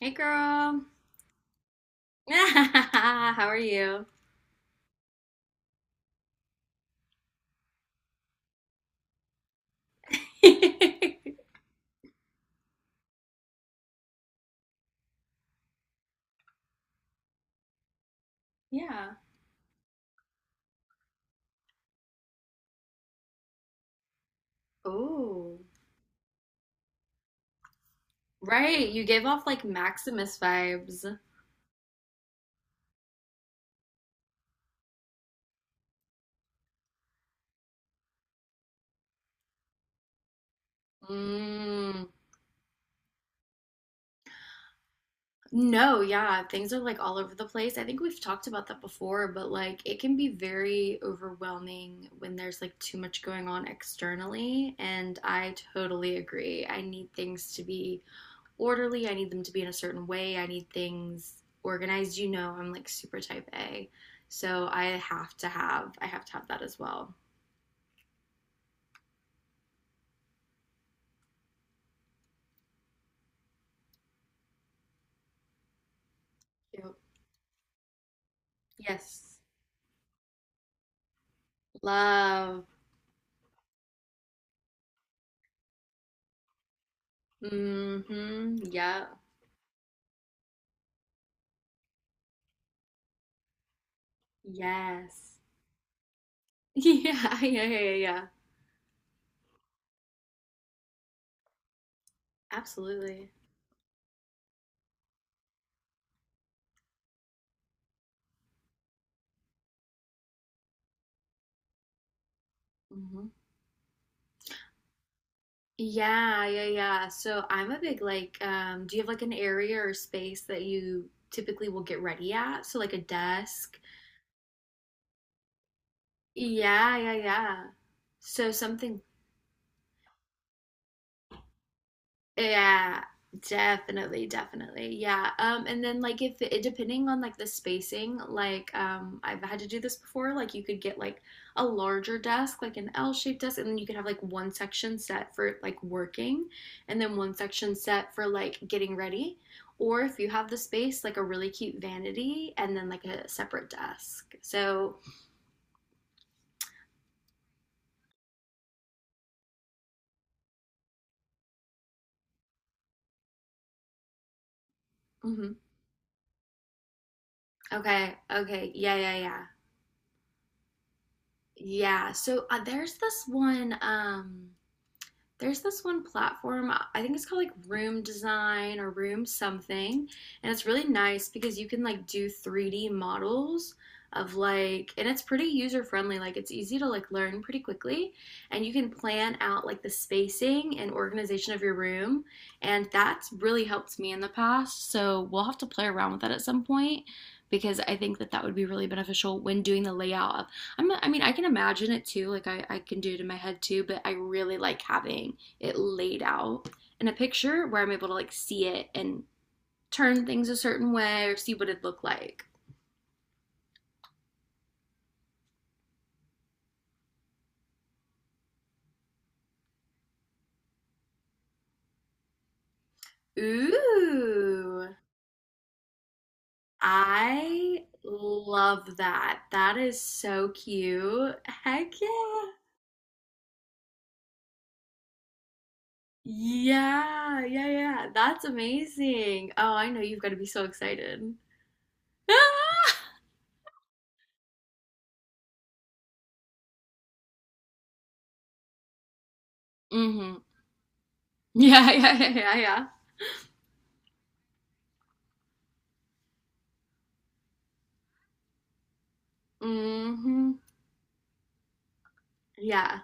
Hey, girl. How are you? Yeah. Oh, right. You gave off like Maximus vibes. Mm. No, yeah, things are like all over the place. I think we've talked about that before, but like it can be very overwhelming when there's like too much going on externally. And I totally agree. I need things to be orderly. I need them to be in a certain way. I need things organized. You know, I'm like super type A. So I have to have that as well. Yep. Yes. Love. Mm-hmm. Yeah. Yes. Yeah, yeah, yeah, yeah, yeah. Absolutely. Hmm. Yeah, yeah, yeah. So I'm a big like, do you have like an area or space that you typically will get ready at? So like a desk. Yeah, yeah, yeah. So something. Yeah, definitely, definitely. Yeah. And then like if it depending on like the spacing, like I've had to do this before, like you could get like a larger desk, like an L-shaped desk, and then you could have like one section set for like working and then one section set for like getting ready. Or if you have the space, like a really cute vanity and then like a separate desk. So, mhm. Okay, okay. Yeah, yeah, yeah. Yeah. So there's this one platform. I think it's called like Room Design or Room something, and it's really nice because you can like do 3d models of like, and it's pretty user friendly, like it's easy to like learn pretty quickly, and you can plan out like the spacing and organization of your room. And that's really helped me in the past, so we'll have to play around with that at some point because I think that that would be really beneficial when doing the layout of I mean, I can imagine it too, like I can do it in my head too, but I really like having it laid out in a picture where I'm able to like see it and turn things a certain way or see what it looked like. Ooh, I love that. That is so cute. Heck yeah. Yeah, yeah, yeah. That's amazing. Oh, I know you've got to be so excited. Mm-hmm. Yeah, yeah, yeah. Mm-hmm. Yeah.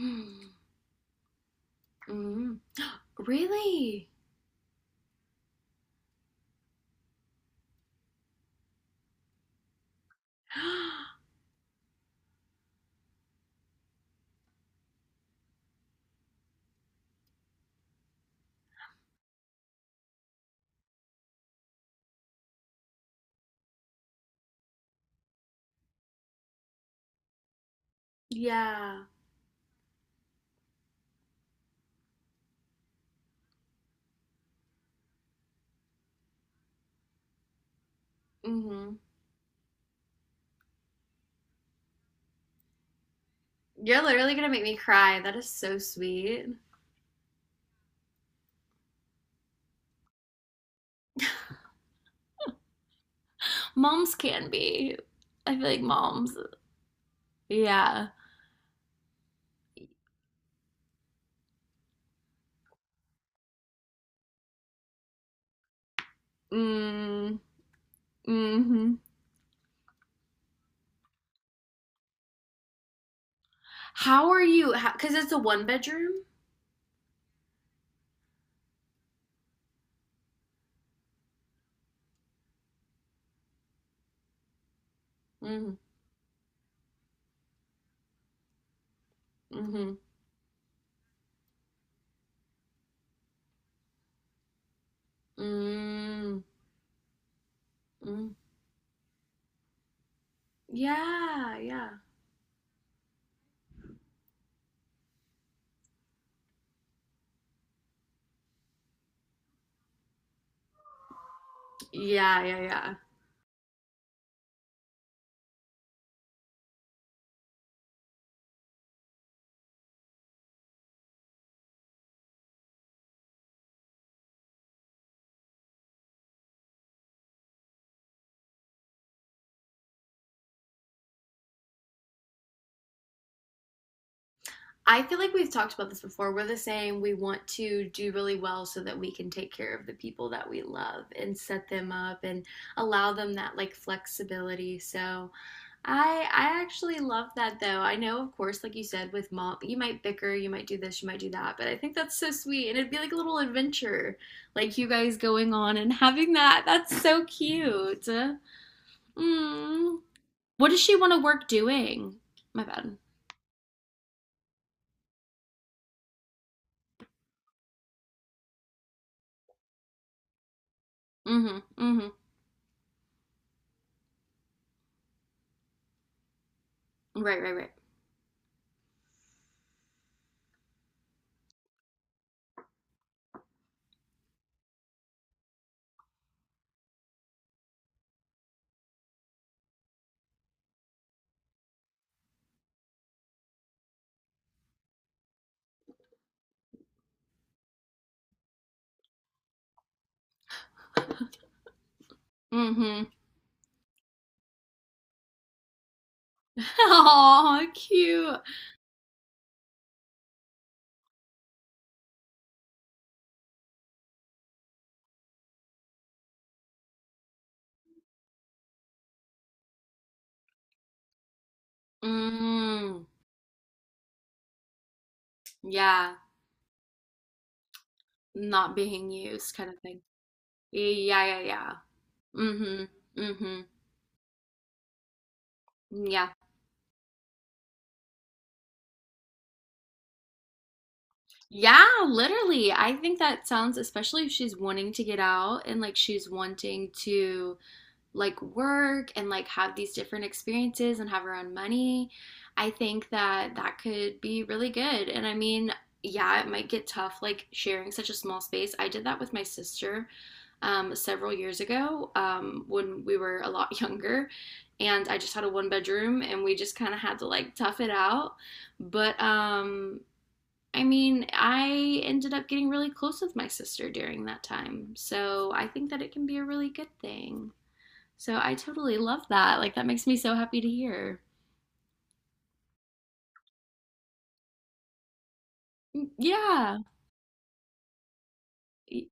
Mm, mm. Really? Yeah. Hmm. You're literally gonna make me cry. That is so sweet. Moms can be. I feel like moms. Yeah. Mm. Hmm. How are you? Because it's a one bedroom. Mm. Hmm. Mm. Mm. Yeah. Yeah. Yeah. Yeah. Yeah. I feel like we've talked about this before. We're the same. We want to do really well so that we can take care of the people that we love and set them up and allow them that like flexibility. So I actually love that though. I know, of course, like you said, with mom, you might bicker, you might do this, you might do that, but I think that's so sweet. And it'd be like a little adventure, like you guys going on and having that. That's so cute. Mm. What does she want to work doing? My bad. Mm-hmm. Mm-hmm. Right, right, right. Mm-hmm. Oh, cute. Mm, yeah, not being used kind of thing. Yeah, yeah, yeah. Mm-hmm. Mm-hmm. Yeah. Yeah, literally. I think that sounds, especially if she's wanting to get out and like she's wanting to like work and like have these different experiences and have her own money, I think that that could be really good. And I mean, yeah, it might get tough like sharing such a small space. I did that with my sister several years ago when we were a lot younger. And I just had a one bedroom and we just kind of had to like tough it out. But I mean, I ended up getting really close with my sister during that time. So I think that it can be a really good thing. So I totally love that. Like, that makes me so happy to hear. Mm, yeah. Y-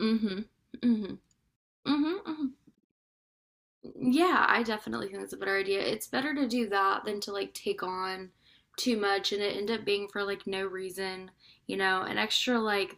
Mhm. Mhm. Mhm. Mhm. Yeah, I definitely think that's a better idea. It's better to do that than to like take on too much and it end up being for like no reason, you know, an extra like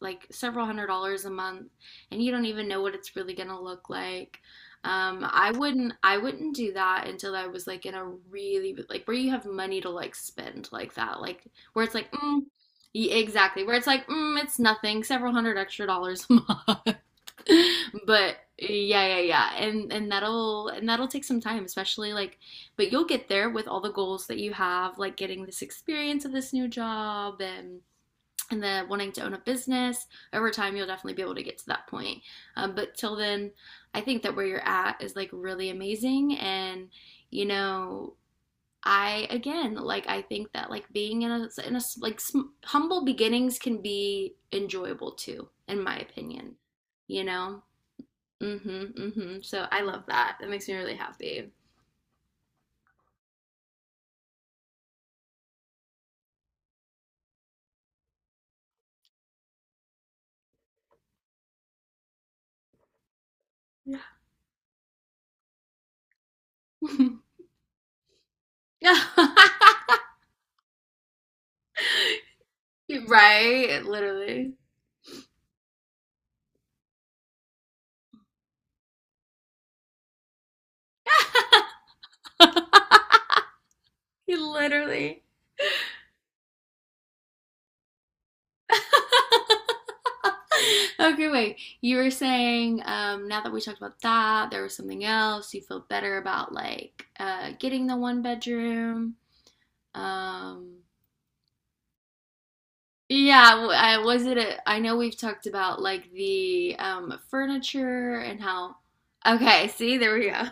like several hundred dollars a month and you don't even know what it's really going to look like. I wouldn't do that until I was like in a really like where you have money to like spend like that. Like where it's like mm, yeah, exactly. Where it's like mm, it's nothing, several hundred extra dollars a month. But yeah, yeah, yeah. And that'll take some time, especially like but you'll get there with all the goals that you have, like getting this experience of this new job and then wanting to own a business. Over time you'll definitely be able to get to that point, but till then I think that where you're at is like really amazing. And, you know, I again like I think that like being in a like humble beginnings can be enjoyable too in my opinion, you know. Mm-hmm. Mm-hmm. So I love that. That makes me really happy. Yeah. Yeah. Right, literally. Literally. Okay, wait. You were saying now that we talked about that, there was something else. You feel better about like getting the one bedroom. Um, yeah, I was it. A, I know we've talked about like the furniture and how. Okay, see, there we go.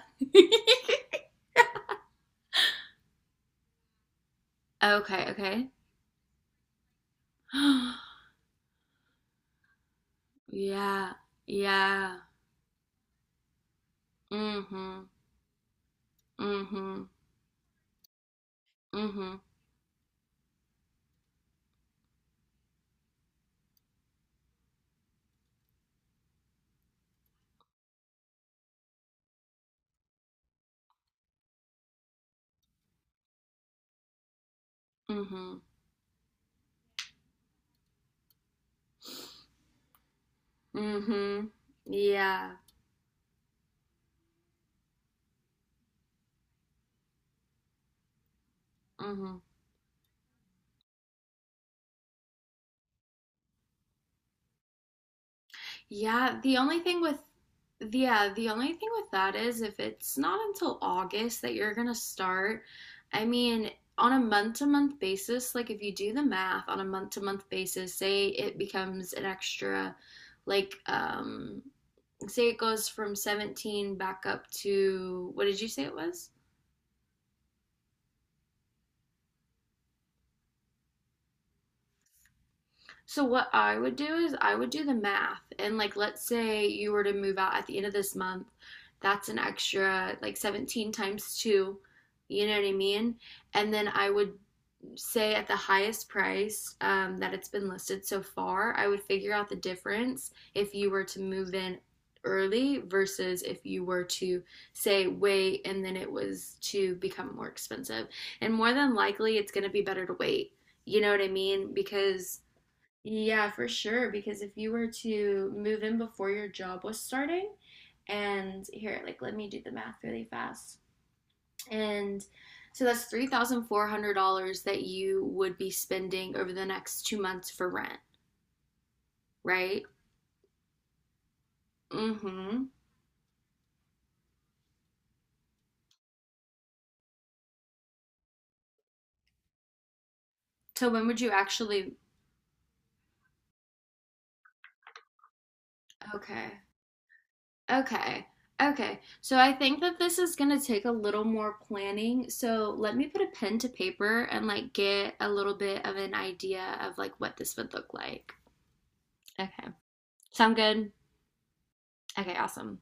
Okay, okay. Yeah, yeah. Mm-hmm. Mm-hmm. Mm-hmm. Mm-hmm. Mm-hmm. Yeah. Mm-hmm. Yeah, the only thing with yeah, the only thing with that is if it's not until August that you're gonna start, I mean, on a month to month basis, like if you do the math on a month to month basis, say it becomes an extra like say it goes from 17 back up to what did you say it was? So what I would do is I would do the math and like let's say you were to move out at the end of this month, that's an extra like 17 times 2, you know what I mean? And then I would say at the highest price that it's been listed so far, I would figure out the difference if you were to move in early versus if you were to say wait and then it was to become more expensive. And more than likely, it's going to be better to wait. You know what I mean? Because yeah, for sure. Because if you were to move in before your job was starting, and here, like, let me do the math really fast. And so that's $3,400 that you would be spending over the next 2 months for rent, right? Mm-hmm. So when would you actually? Okay. Okay. Okay. So I think that this is going to take a little more planning. So let me put a pen to paper and like get a little bit of an idea of like what this would look like. Okay. Sound good? Okay, awesome.